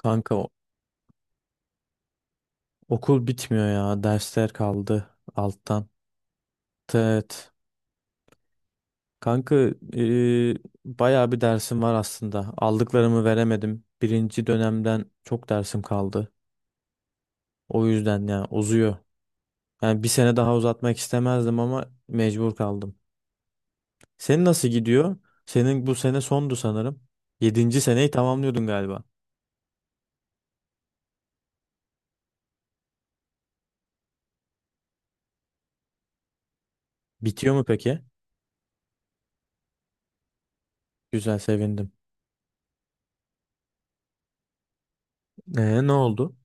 Kanka okul bitmiyor ya. Dersler kaldı alttan. Evet. Kanka e, bayağı bir dersim var aslında. Aldıklarımı veremedim. Birinci dönemden çok dersim kaldı. O yüzden ya uzuyor. Yani bir sene daha uzatmak istemezdim ama mecbur kaldım. Senin nasıl gidiyor? Senin bu sene sondu sanırım. Yedinci seneyi tamamlıyordun galiba. Bitiyor mu peki? Güzel, sevindim. Ne oldu?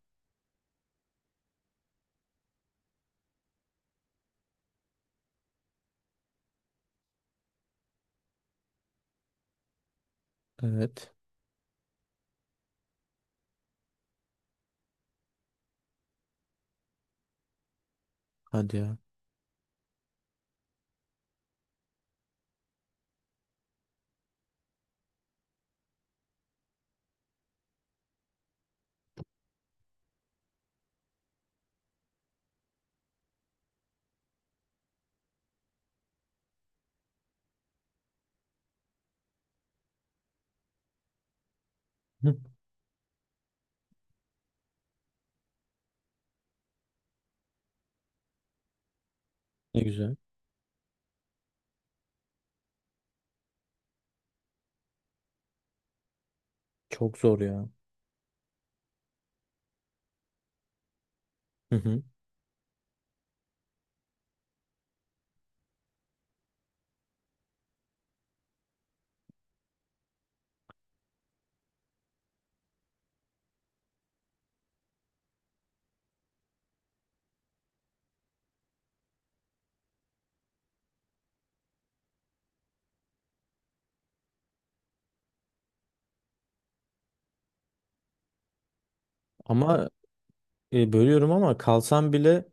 Evet. Hadi ya. Hı. Ne güzel. Çok zor ya. Hı hı. Ama bölüyorum ama kalsan bile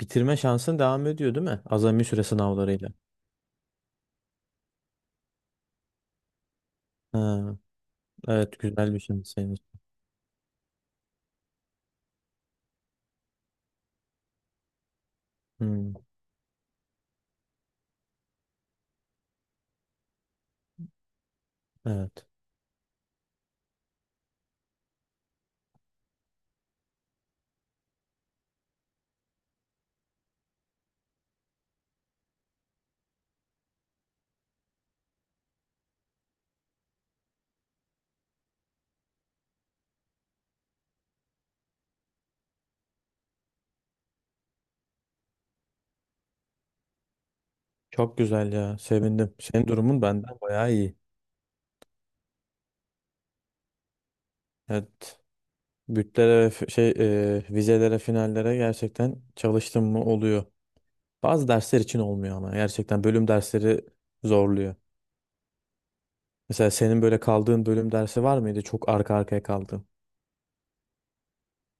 bitirme şansın devam ediyor değil mi? Azami süre sınavlarıyla. Ha, evet, güzel bir şey senin için. Hmm, evet. Çok güzel ya. Sevindim. Senin durumun benden bayağı iyi. Evet. Bütlere ve vizelere, finallere gerçekten çalıştım mı oluyor. Bazı dersler için olmuyor ama gerçekten bölüm dersleri zorluyor. Mesela senin böyle kaldığın bölüm dersi var mıydı? Çok arka arkaya kaldığın.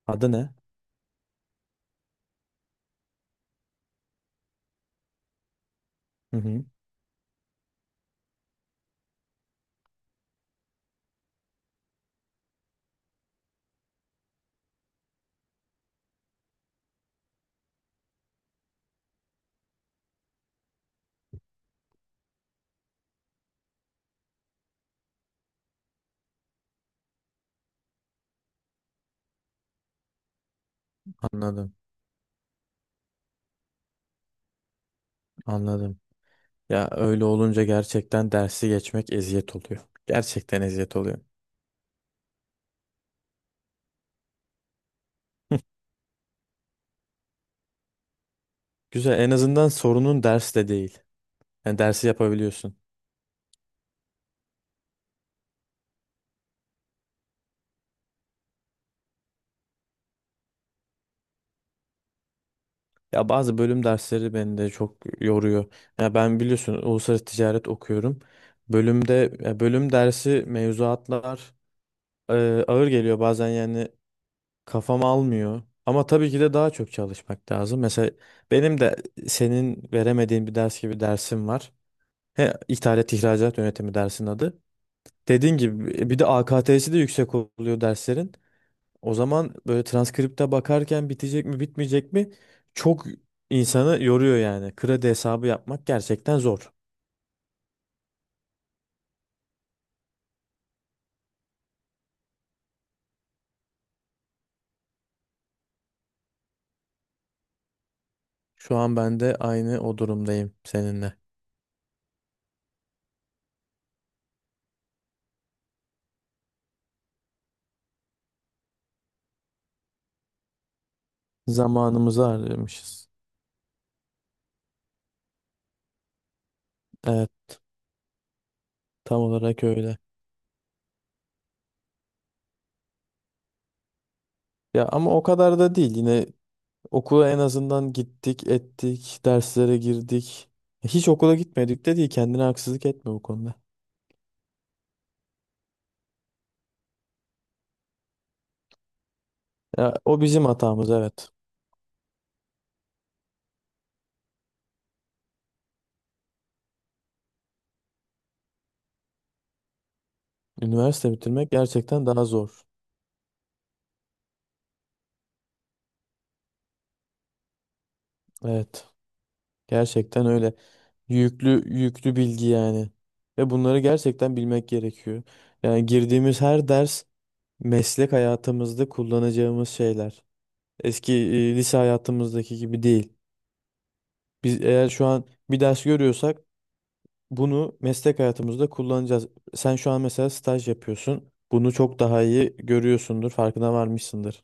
Adı ne? Hı hı. Anladım. Anladım. Ya öyle olunca gerçekten dersi geçmek eziyet oluyor. Gerçekten eziyet oluyor. Güzel, en azından sorunun ders de değil. Yani dersi yapabiliyorsun. Ya bazı bölüm dersleri beni de çok yoruyor. Ya ben biliyorsun uluslararası ticaret okuyorum. Bölümde ya bölüm dersi mevzuatlar e, ağır geliyor bazen yani kafam almıyor. Ama tabii ki de daha çok çalışmak lazım. Mesela benim de senin veremediğin bir ders gibi dersim var. He, ithalat ihracat yönetimi dersin adı. Dediğin gibi bir de AKT'si de yüksek oluyor derslerin. O zaman böyle transkripte bakarken bitecek mi bitmeyecek mi çok insanı yoruyor yani. Kredi hesabı yapmak gerçekten zor. Şu an ben de aynı o durumdayım seninle. Zamanımızı harcamışız. Evet, tam olarak öyle. Ya ama o kadar da değil. Yine okula en azından gittik, ettik, derslere girdik. Hiç okula gitmedik de değil. Kendine haksızlık etme bu konuda. Ya, o bizim hatamız, evet. Üniversite bitirmek gerçekten daha zor. Evet. Gerçekten öyle. Yüklü yüklü bilgi yani. Ve bunları gerçekten bilmek gerekiyor. Yani girdiğimiz her ders meslek hayatımızda kullanacağımız şeyler. Eski lise hayatımızdaki gibi değil. Biz eğer şu an bir ders görüyorsak bunu meslek hayatımızda kullanacağız. Sen şu an mesela staj yapıyorsun. Bunu çok daha iyi görüyorsundur, farkına varmışsındır.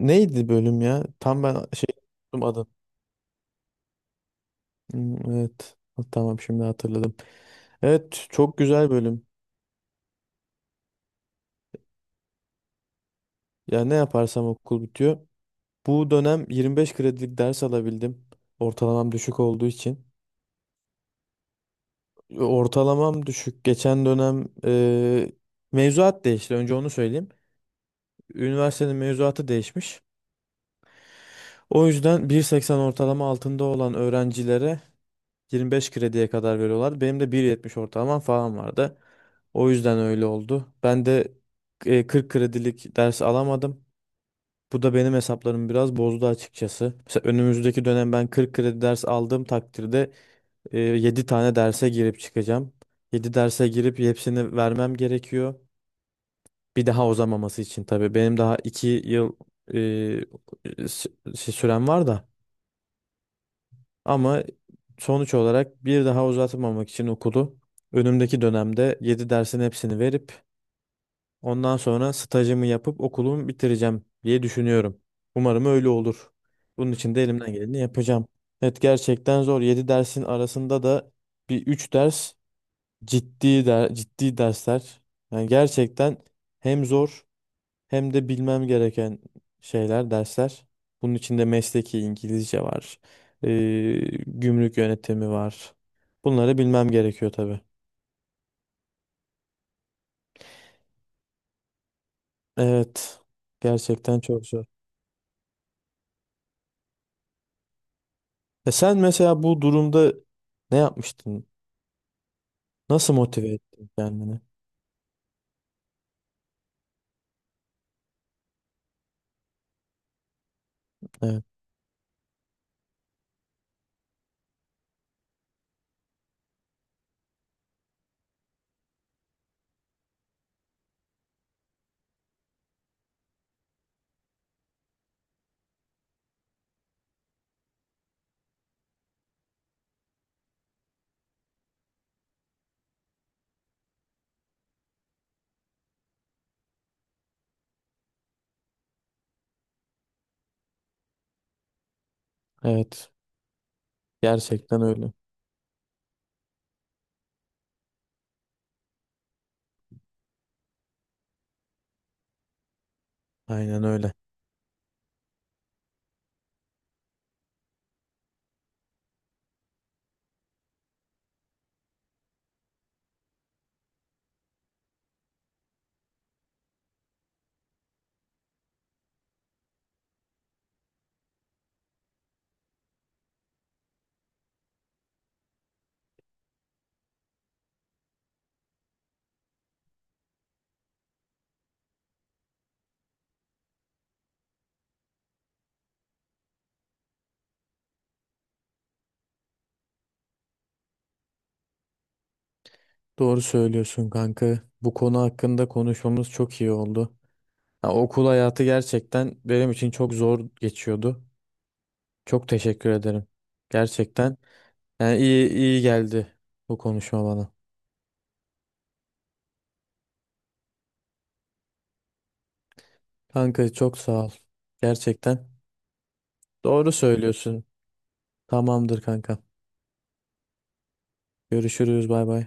Neydi bölüm ya? Tam ben şey unuttum. Hmm, evet. Ha, tamam, şimdi hatırladım. Evet, çok güzel bölüm. Ya ne yaparsam okul bitiyor. Bu dönem 25 kredilik ders alabildim. Ortalamam düşük olduğu için. Ortalamam düşük. Geçen dönem mevzuat değişti. Önce onu söyleyeyim. Üniversitenin mevzuatı değişmiş. O yüzden 1,80 ortalama altında olan öğrencilere 25 krediye kadar veriyorlar. Benim de 1,70 ortalamam falan vardı. O yüzden öyle oldu. Ben de 40 kredilik ders alamadım. Bu da benim hesaplarımı biraz bozdu açıkçası. Mesela önümüzdeki dönem ben 40 kredi ders aldığım takdirde 7 tane derse girip çıkacağım. 7 derse girip hepsini vermem gerekiyor. Bir daha uzamaması için tabii. Benim daha 2 yıl e, s- sürem var da. Ama sonuç olarak bir daha uzatmamak için okulu önümdeki dönemde 7 dersin hepsini verip, ondan sonra stajımı yapıp okulumu bitireceğim diye düşünüyorum. Umarım öyle olur. Bunun için de elimden geleni yapacağım. Evet, gerçekten zor. 7 dersin arasında da bir 3 ders ciddi ciddi dersler. Yani gerçekten hem zor hem de bilmem gereken şeyler, dersler. Bunun içinde mesleki İngilizce var. Ee, Gümrük yönetimi var. Bunları bilmem gerekiyor tabii. Evet. Gerçekten çok zor. Sen mesela bu durumda ne yapmıştın? Nasıl motive ettin kendini? Evet, evet. Gerçekten öyle. Aynen öyle. Doğru söylüyorsun kanka. Bu konu hakkında konuşmamız çok iyi oldu. Ya, okul hayatı gerçekten benim için çok zor geçiyordu. Çok teşekkür ederim. Gerçekten, yani iyi iyi geldi bu konuşma bana. Kanka çok sağ ol. Gerçekten. Doğru söylüyorsun. Tamamdır kanka. Görüşürüz. Bay bay.